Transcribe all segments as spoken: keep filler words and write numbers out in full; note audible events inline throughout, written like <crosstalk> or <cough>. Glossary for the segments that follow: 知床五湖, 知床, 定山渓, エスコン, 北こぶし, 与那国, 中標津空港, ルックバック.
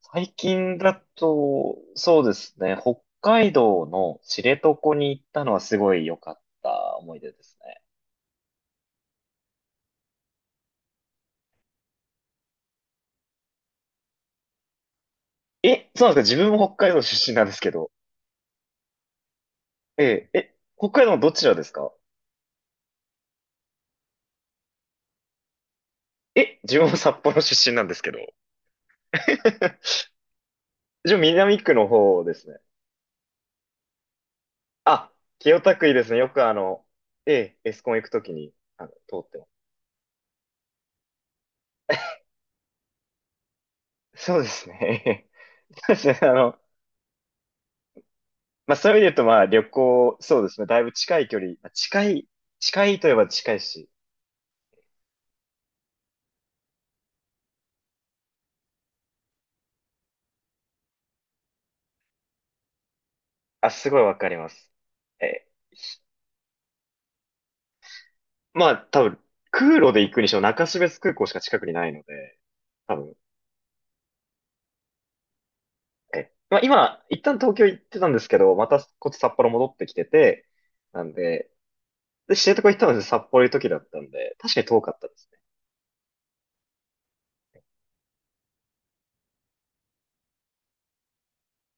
最近だと、そうですね、北海道の知床に行ったのはすごい良かった思い出ですね。え、そうなんですか？自分も北海道出身なんですけど。ええ、え、北海道のどちらですか？え、自分も札幌出身なんですけど。<laughs> 自分南区の方ですね。あ、清田区いいですね。よくあの、ええ、エスコン行くときに、あの、通ってます。そうですね。<laughs> そうですね、あの、まあそういう意味で言うとまあ旅行、そうですね。だいぶ近い距離。まあ近い、近いといえば近いし。あ、すごいわかります。え、ひまあ多分、空路で行くにしろ中標津空港しか近くにないので、多分、え、まあ今、一旦東京行ってたんですけど、またこっち札幌戻ってきてて、なんで、で、知床行ったので札幌行く時だったんで、確かに遠かったですね。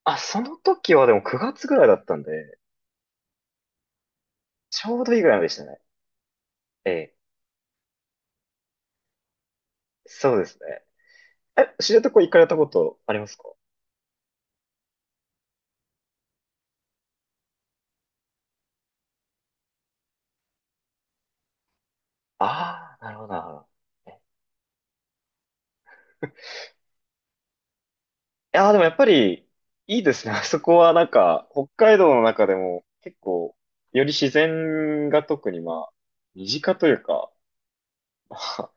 あ、その時はでもくがつぐらいだったんで、ちょうどいいぐらいまでしたね。ええ、そうですね。え、知床行かれたことありますか？ああ、なるほど、なるほど。えいやー、でもやっぱり、いいですね。<laughs> あそこはなんか、北海道の中でも結構、より自然が特にまあ、身近というか、まあ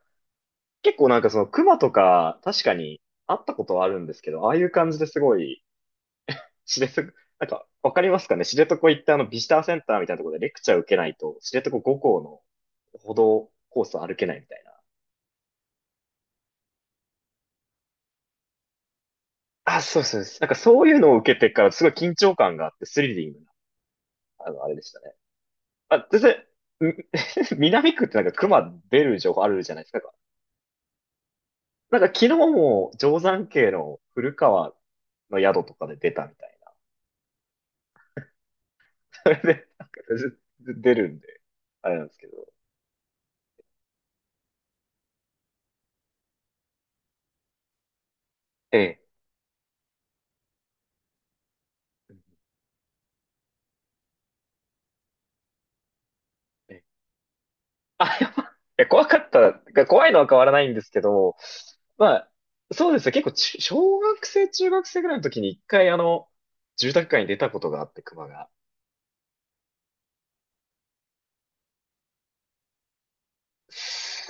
結構なんかその熊とか、確かに会ったことはあるんですけど、ああいう感じですごい、知床、なんか、わかりますかね、知床行ってあのビジターセンターみたいなところでレクチャー受けないと、知床ご校の歩道コースを歩けないみたいな。あ、そうそうです。なんかそういうのを受けてからすごい緊張感があってスリリング、あの、あれでしたね。あ、全然、ん。 <laughs> 南区ってなんか熊出る情報あるじゃないですか。なんか昨日も定山渓の古川の宿とかで出たみたいな。それで、なんか全然出るんで、あれなんですけど。ええ。ええ、あ、やばい。や <laughs>、怖かった。怖いのは変わらないんですけど、まあ、そうですね。結構ち、小学生、中学生ぐらいの時に一回あの、住宅街に出たことがあって、熊が。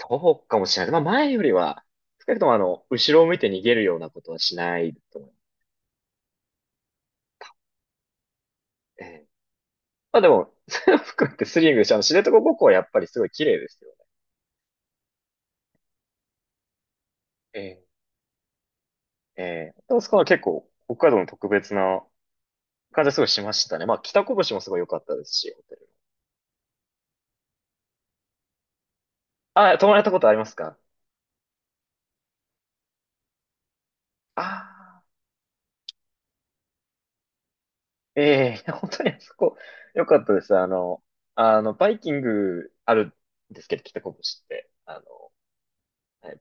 そうかもしれない。まあ前よりは、少なくともあの、後ろを向いて逃げるようなことはしないと思う。ええ。まあでも、<laughs> それを含めてスリングして、あの、知床五湖はやっぱりすごい綺麗ですよね。ええ。ええ、あそこは結構、北海道の特別な感じはすごいしましたね。まあ北こぶしもすごい良かったですし、ホテル。あ、泊まれたことありますか？ああー、ええ、いや本当にあそこ、良かったです。あの、あの、バイキングあるんですけど、北こぶしって。あの、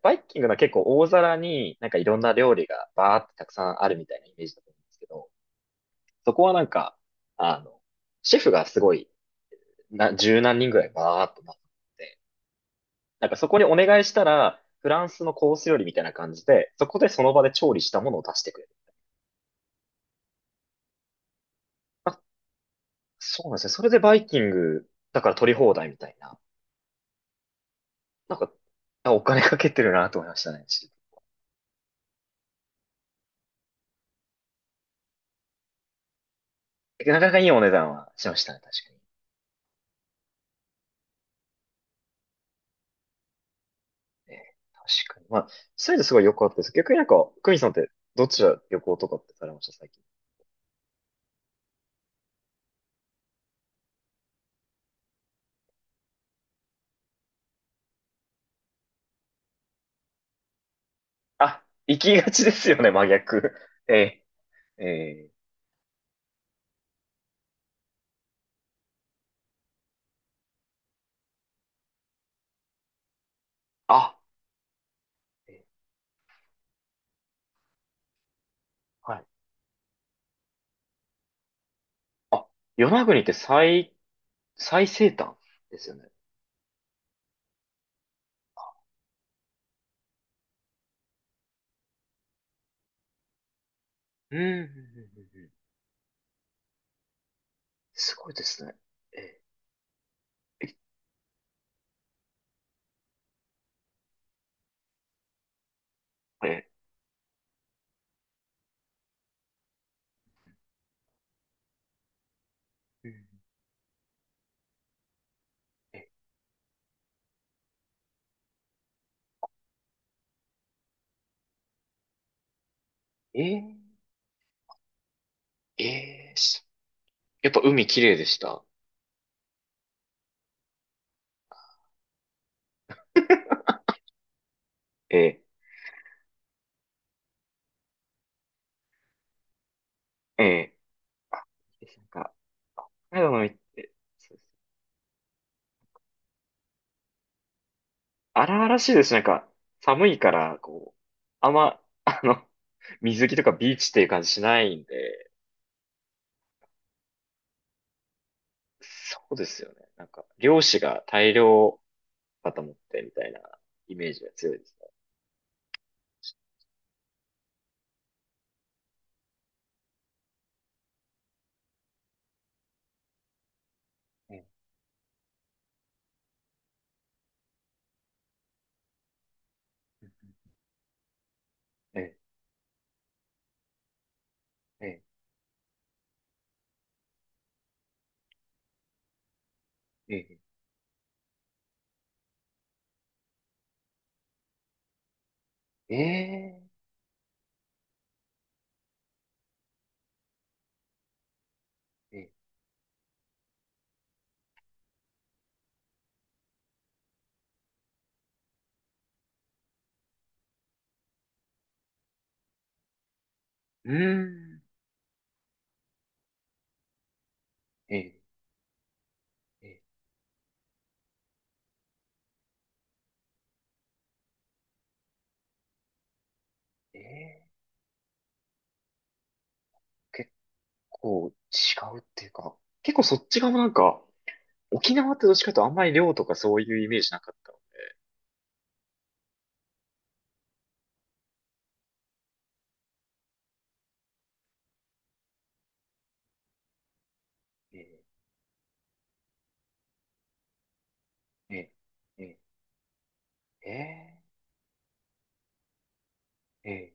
バイキングのは結構大皿になんかいろんな料理がバーってたくさんあるみたいなイメージだと思うんですけど、そこはなんか、あの、シェフがすごい、な、十何人ぐらいバーっとなって、なんかそこにお願いしたら、フランスのコース料理みたいな感じで、そこでその場で調理したものを出してくれる。あ、そうなんですね。それでバイキングだから取り放題みたいな。なんか、あお金かけてるなと思いましたね。なかなかいいお値段はしましたね、確かに。えー確かに。まあ、そういうのすごいよくあってです。逆になんか、クミさんってどちら旅行とかってされました、最近。あ、行きがちですよね、真逆。<laughs> えー、えー、あ、えーはい。与那国って最、最西端ですよね。うん、うん、うん、うんうん。すごいですね。えー、えー、うん。えー、えー、えーしやっぱ海綺麗でした？えー、えー、なんか、北海道の海って、荒々しいですし。なんか、寒いから、こう、あんま、<laughs> あの、水着とかビーチっていう感じしないんで、そうですよね。なんか、漁師が大量肩持ってみたいなイメージが強いですね。ええ、ええ、ええ、ええ、ええ、うーん、ええ、ええ、ええ、結構違うっていうか、結構そっち側もなんか、沖縄ってどっちかというとあんまり漁とかそういうイメージなかったので。ええ、ええ、ええ、ええ、ええ、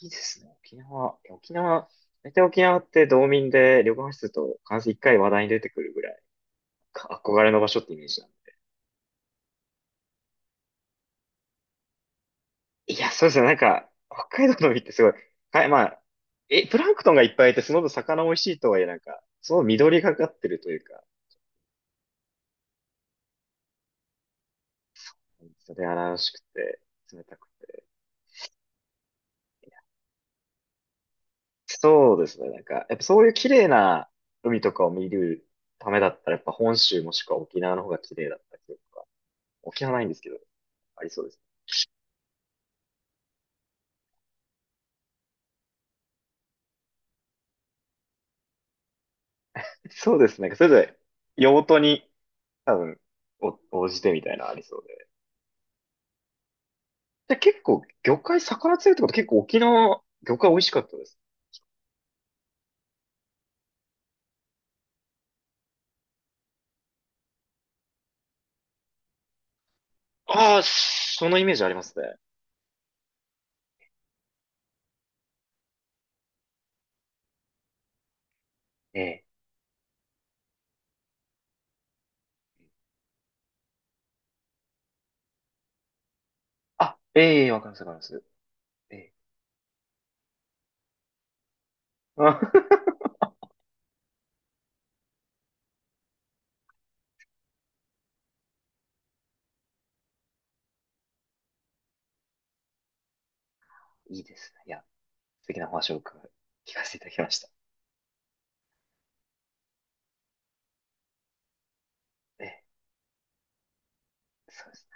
いいですね。沖縄。いや沖縄、大体沖縄って道民で旅行室と必ず一回話題に出てくるぐらい、か憧れの場所ってイメージなんで。いや、そうですね。なんか、北海道の海ってすごい、はい、まあ、え、プランクトンがいっぱいいて、その分魚美味しいとはいえ、なんか、その緑がかってるというか、それ荒々しくて、冷たくて。そうですね。なんか、やっぱそういう綺麗な海とかを見るためだったら、やっぱ本州もしくは沖縄の方が綺麗だったりとか、沖縄ないんですけど、ありそうですね。そうですね。それぞれ用途に多分お応じてみたいなのありそうで。で、結構魚介魚釣りってこと結構沖縄魚介美味しかったです。ああ、そのイメージありますね。ええ。あ、ええ、わかりますわかります。ええ。あ。 <laughs> いいですね。いや、素敵なお話を伺い聞かせていただきました。ええ、そうです。